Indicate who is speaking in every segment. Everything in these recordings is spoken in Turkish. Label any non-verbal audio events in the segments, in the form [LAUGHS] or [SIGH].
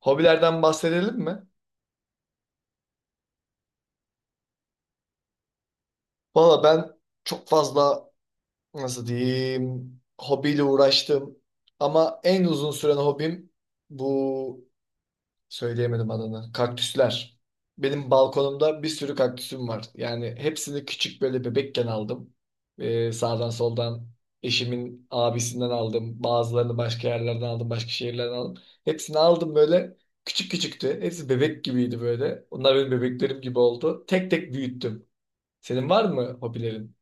Speaker 1: Hobilerden bahsedelim mi? Valla ben çok fazla nasıl diyeyim hobiyle uğraştım. Ama en uzun süren hobim bu söyleyemedim adını. Kaktüsler. Benim balkonumda bir sürü kaktüsüm var. Yani hepsini küçük böyle bebekken aldım. Sağdan soldan eşimin abisinden aldım. Bazılarını başka yerlerden aldım. Başka şehirlerden aldım. Hepsini aldım böyle. Küçük küçüktü. Hepsi bebek gibiydi böyle. Onlar benim bebeklerim gibi oldu. Tek tek büyüttüm. Senin var mı hobilerin?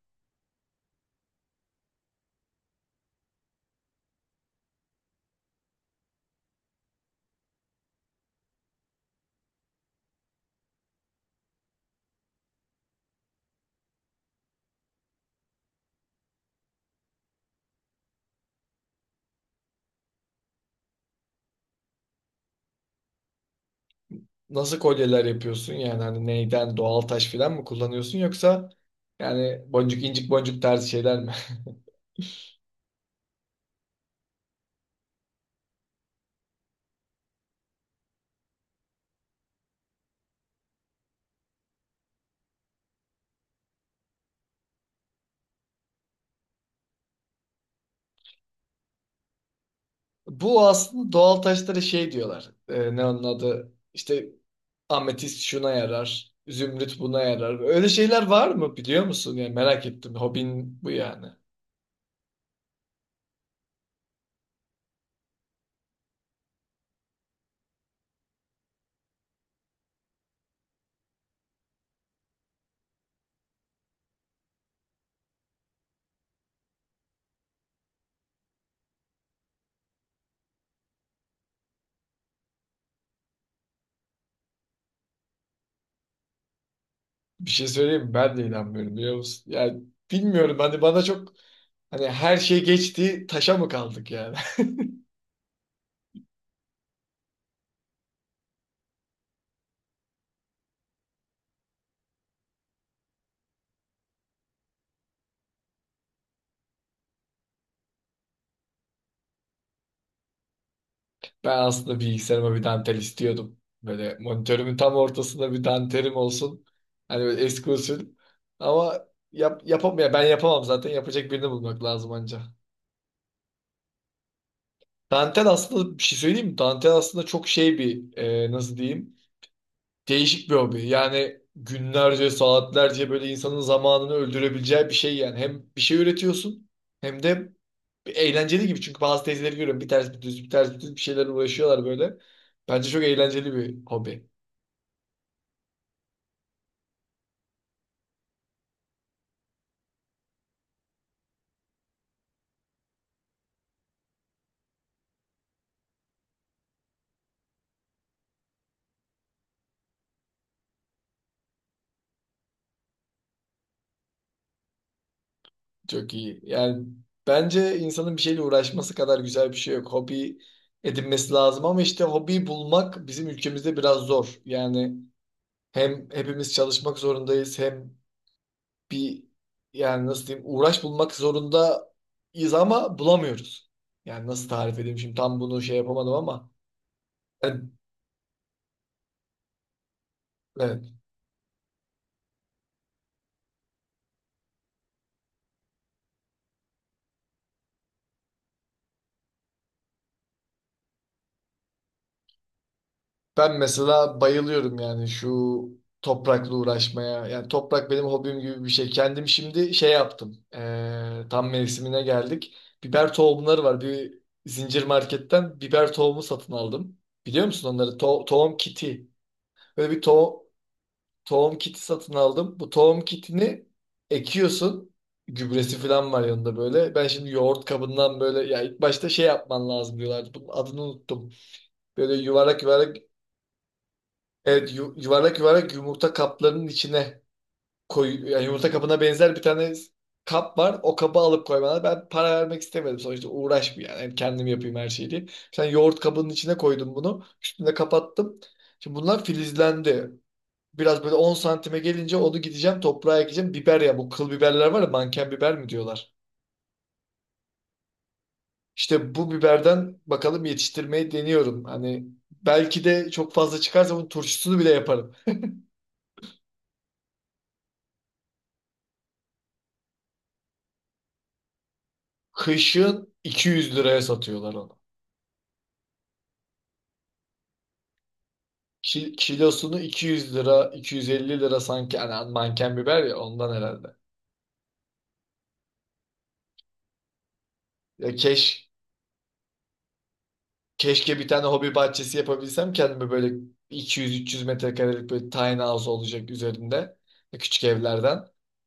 Speaker 1: Nasıl kolyeler yapıyorsun? Yani hani neyden doğal taş falan mı kullanıyorsun yoksa yani boncuk incik boncuk tarzı şeyler mi? [LAUGHS] Bu aslında doğal taşlara şey diyorlar. Ne onun adı? İşte ametist şuna yarar, zümrüt buna yarar. Öyle şeyler var mı biliyor musun? Yani merak ettim. Hobin bu yani. Bir şey söyleyeyim mi? Ben de inanmıyorum biliyor musun? Yani bilmiyorum hani bana çok, hani her şey geçti taşa mı kaldık yani? [LAUGHS] Ben aslında bilgisayarıma bir dantel istiyordum. Böyle monitörümün tam ortasında bir dantelim olsun. Hani böyle eski usul. Ama yapamam ya, ben yapamam zaten, yapacak birini bulmak lazım anca. Dantel aslında, bir şey söyleyeyim mi? Dantel aslında çok şey bir, nasıl diyeyim? Değişik bir hobi. Yani günlerce, saatlerce böyle insanın zamanını öldürebileceği bir şey yani. Hem bir şey üretiyorsun hem de eğlenceli gibi. Çünkü bazı teyzeleri görüyorum. Bir ters bir düz, bir ters bir düz bir şeyler uğraşıyorlar böyle. Bence çok eğlenceli bir hobi. Çok iyi. Yani bence insanın bir şeyle uğraşması kadar güzel bir şey yok. Hobi edinmesi lazım ama işte hobiyi bulmak bizim ülkemizde biraz zor. Yani hem hepimiz çalışmak zorundayız hem bir, yani nasıl diyeyim, uğraş bulmak zorundayız ama bulamıyoruz. Yani nasıl tarif edeyim şimdi, tam bunu şey yapamadım ama ben, evet. Ben mesela bayılıyorum yani şu toprakla uğraşmaya. Yani toprak benim hobim gibi bir şey. Kendim şimdi şey yaptım. Tam mevsimine geldik. Biber tohumları var. Bir zincir marketten biber tohumu satın aldım. Biliyor musun onları? Tohum kiti. Böyle bir tohum kiti satın aldım. Bu tohum kitini ekiyorsun. Gübresi falan var yanında böyle. Ben şimdi yoğurt kabından böyle, ya ilk başta şey yapman lazım diyorlardı. Bunun adını unuttum. Böyle yuvarlak yuvarlak evet, yuvarlak yuvarlak yumurta kaplarının içine koy, yani yumurta kabına benzer bir tane kap var. O kabı alıp koymana ben para vermek istemedim. Sonuçta uğraşmayayım yani, yani kendim yapayım her şeyi diye. Sen yoğurt kabının içine koydum bunu. Üstüne kapattım. Şimdi bunlar filizlendi. Biraz böyle 10 santime gelince onu gideceğim toprağa ekeceğim. Biber, ya bu kıl biberler var ya, manken biber mi diyorlar. İşte bu biberden bakalım yetiştirmeyi deniyorum. Hani belki de çok fazla çıkarsa bunun turşusunu bile yaparım. Kışın 200 liraya satıyorlar onu. Kilosunu 200 lira, 250 lira sanki. Hani manken biber ya, ondan herhalde. Ya, Keşke bir tane hobi bahçesi yapabilsem kendime, böyle 200-300 metrekarelik, böyle tiny house olacak üzerinde. Küçük evlerden.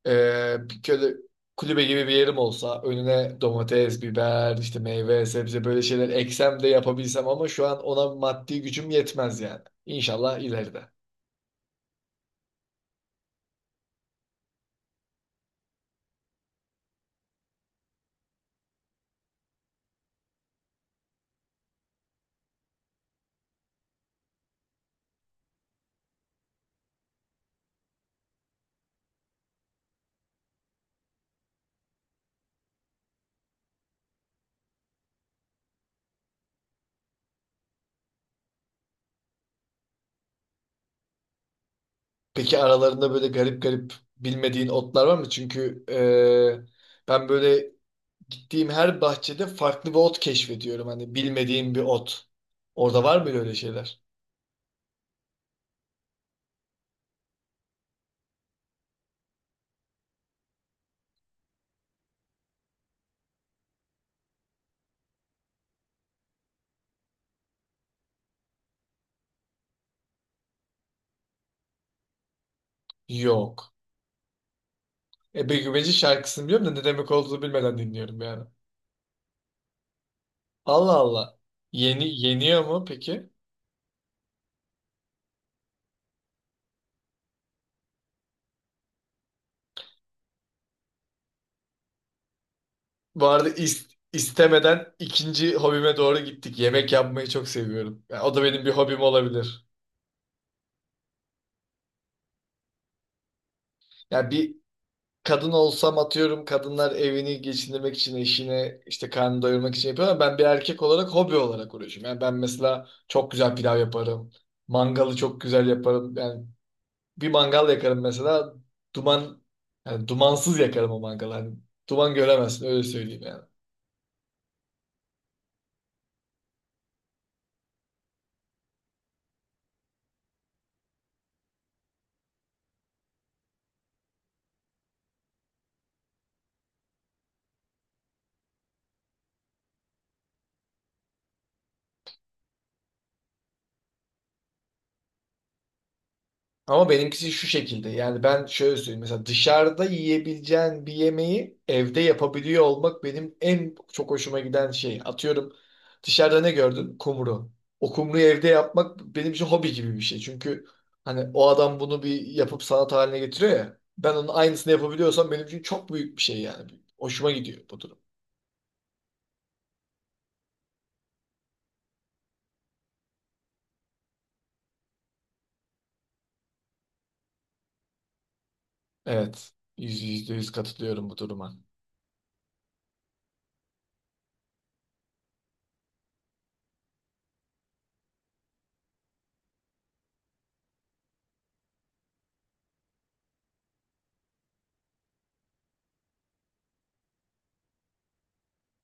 Speaker 1: Bir böyle kulübe gibi bir yerim olsa, önüne domates, biber, işte meyve, sebze böyle şeyler eksem de yapabilsem, ama şu an ona maddi gücüm yetmez yani. İnşallah ileride. Peki aralarında böyle garip garip bilmediğin otlar var mı? Çünkü ben böyle gittiğim her bahçede farklı bir ot keşfediyorum. Hani bilmediğim bir ot. Orada var mı öyle şeyler? Yok. Ebe Güveci şarkısını biliyorum da ne demek olduğunu bilmeden dinliyorum yani. Allah Allah. Yeni yeniyor mu peki? Bu arada istemeden ikinci hobime doğru gittik. Yemek yapmayı çok seviyorum. Yani o da benim bir hobim olabilir. Yani bir kadın olsam, atıyorum kadınlar evini geçindirmek için eşine, işte karnını doyurmak için yapıyor, ama ben bir erkek olarak hobi olarak uğraşıyorum. Yani ben mesela çok güzel pilav yaparım. Mangalı çok güzel yaparım. Yani bir mangal yakarım mesela, duman, yani dumansız yakarım o mangalı. Hani duman göremezsin, öyle söyleyeyim yani. Ama benimkisi şu şekilde. Yani ben şöyle söyleyeyim. Mesela dışarıda yiyebileceğin bir yemeği evde yapabiliyor olmak benim en çok hoşuma giden şey. Atıyorum, dışarıda ne gördün? Kumru. O kumruyu evde yapmak benim için hobi gibi bir şey. Çünkü hani o adam bunu bir yapıp sanat haline getiriyor ya. Ben onun aynısını yapabiliyorsam benim için çok büyük bir şey yani. Hoşuma gidiyor bu durum. Evet. Yüzde yüz katılıyorum bu duruma.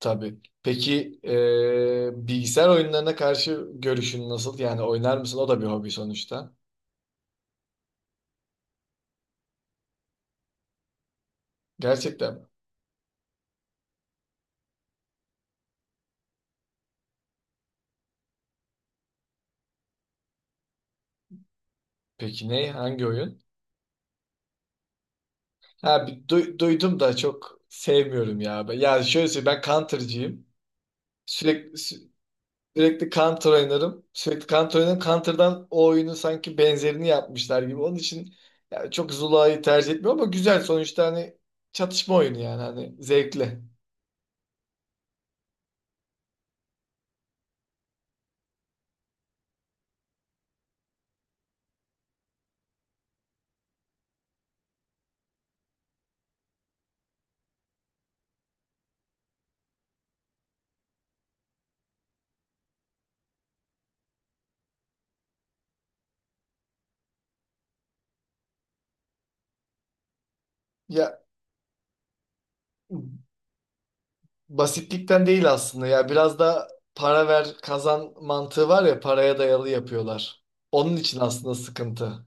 Speaker 1: Tabii. Peki bilgisayar oyunlarına karşı görüşün nasıl? Yani oynar mısın? O da bir hobi sonuçta. Gerçekten mi? Peki ne? Hangi oyun? Ha, bir duydum da çok sevmiyorum ya. Ben, yani şöyle söyleyeyim, ben Counter'cıyım. Sürekli sü- Sürekli Counter oynarım. Sürekli Counter oynarım. Counter'dan o oyunun sanki benzerini yapmışlar gibi. Onun için ya, çok Zula'yı tercih etmiyorum ama güzel sonuçta, hani çatışma oyunu yani, hani zevkli. Ya, basitlikten değil aslında, ya biraz da para ver kazan mantığı var ya, paraya dayalı yapıyorlar. Onun için aslında sıkıntı.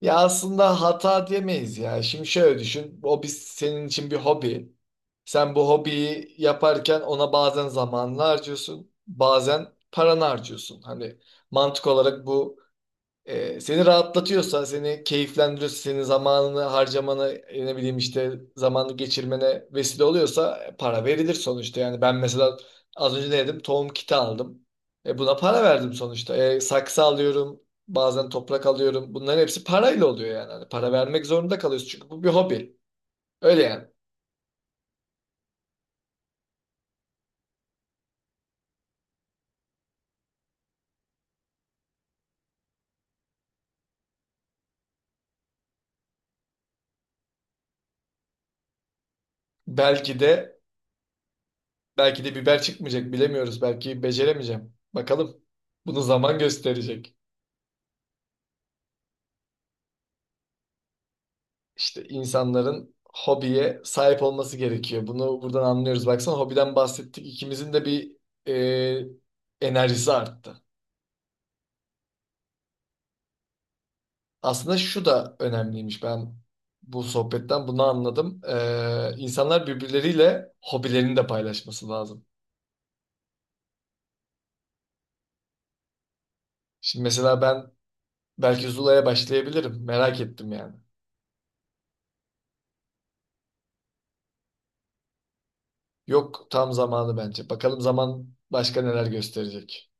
Speaker 1: Ya aslında hata diyemeyiz ya. Şimdi şöyle düşün. O biz senin için bir hobi. Sen bu hobiyi yaparken ona bazen zamanını harcıyorsun, bazen paranı harcıyorsun. Hani mantık olarak bu, seni rahatlatıyorsa, seni keyiflendiriyorsa, senin zamanını harcamana, ne bileyim işte zamanı geçirmene vesile oluyorsa, para verilir sonuçta. Yani ben mesela az önce ne dedim? Tohum kiti aldım. Buna para verdim sonuçta. Saksı alıyorum, bazen toprak alıyorum. Bunların hepsi parayla oluyor yani. Hani para vermek zorunda kalıyorsun çünkü bu bir hobi. Öyle yani. Belki de belki de biber çıkmayacak bilemiyoruz. Belki beceremeyeceğim. Bakalım. Bunu zaman gösterecek. İşte insanların hobiye sahip olması gerekiyor. Bunu buradan anlıyoruz. Baksana hobiden bahsettik. İkimizin de bir enerjisi arttı. Aslında şu da önemliymiş. Ben bu sohbetten bunu anladım. E, insanlar birbirleriyle hobilerini de paylaşması lazım. Şimdi mesela ben belki Zula'ya başlayabilirim. Merak ettim yani. Yok, tam zamanı bence. Bakalım zaman başka neler gösterecek.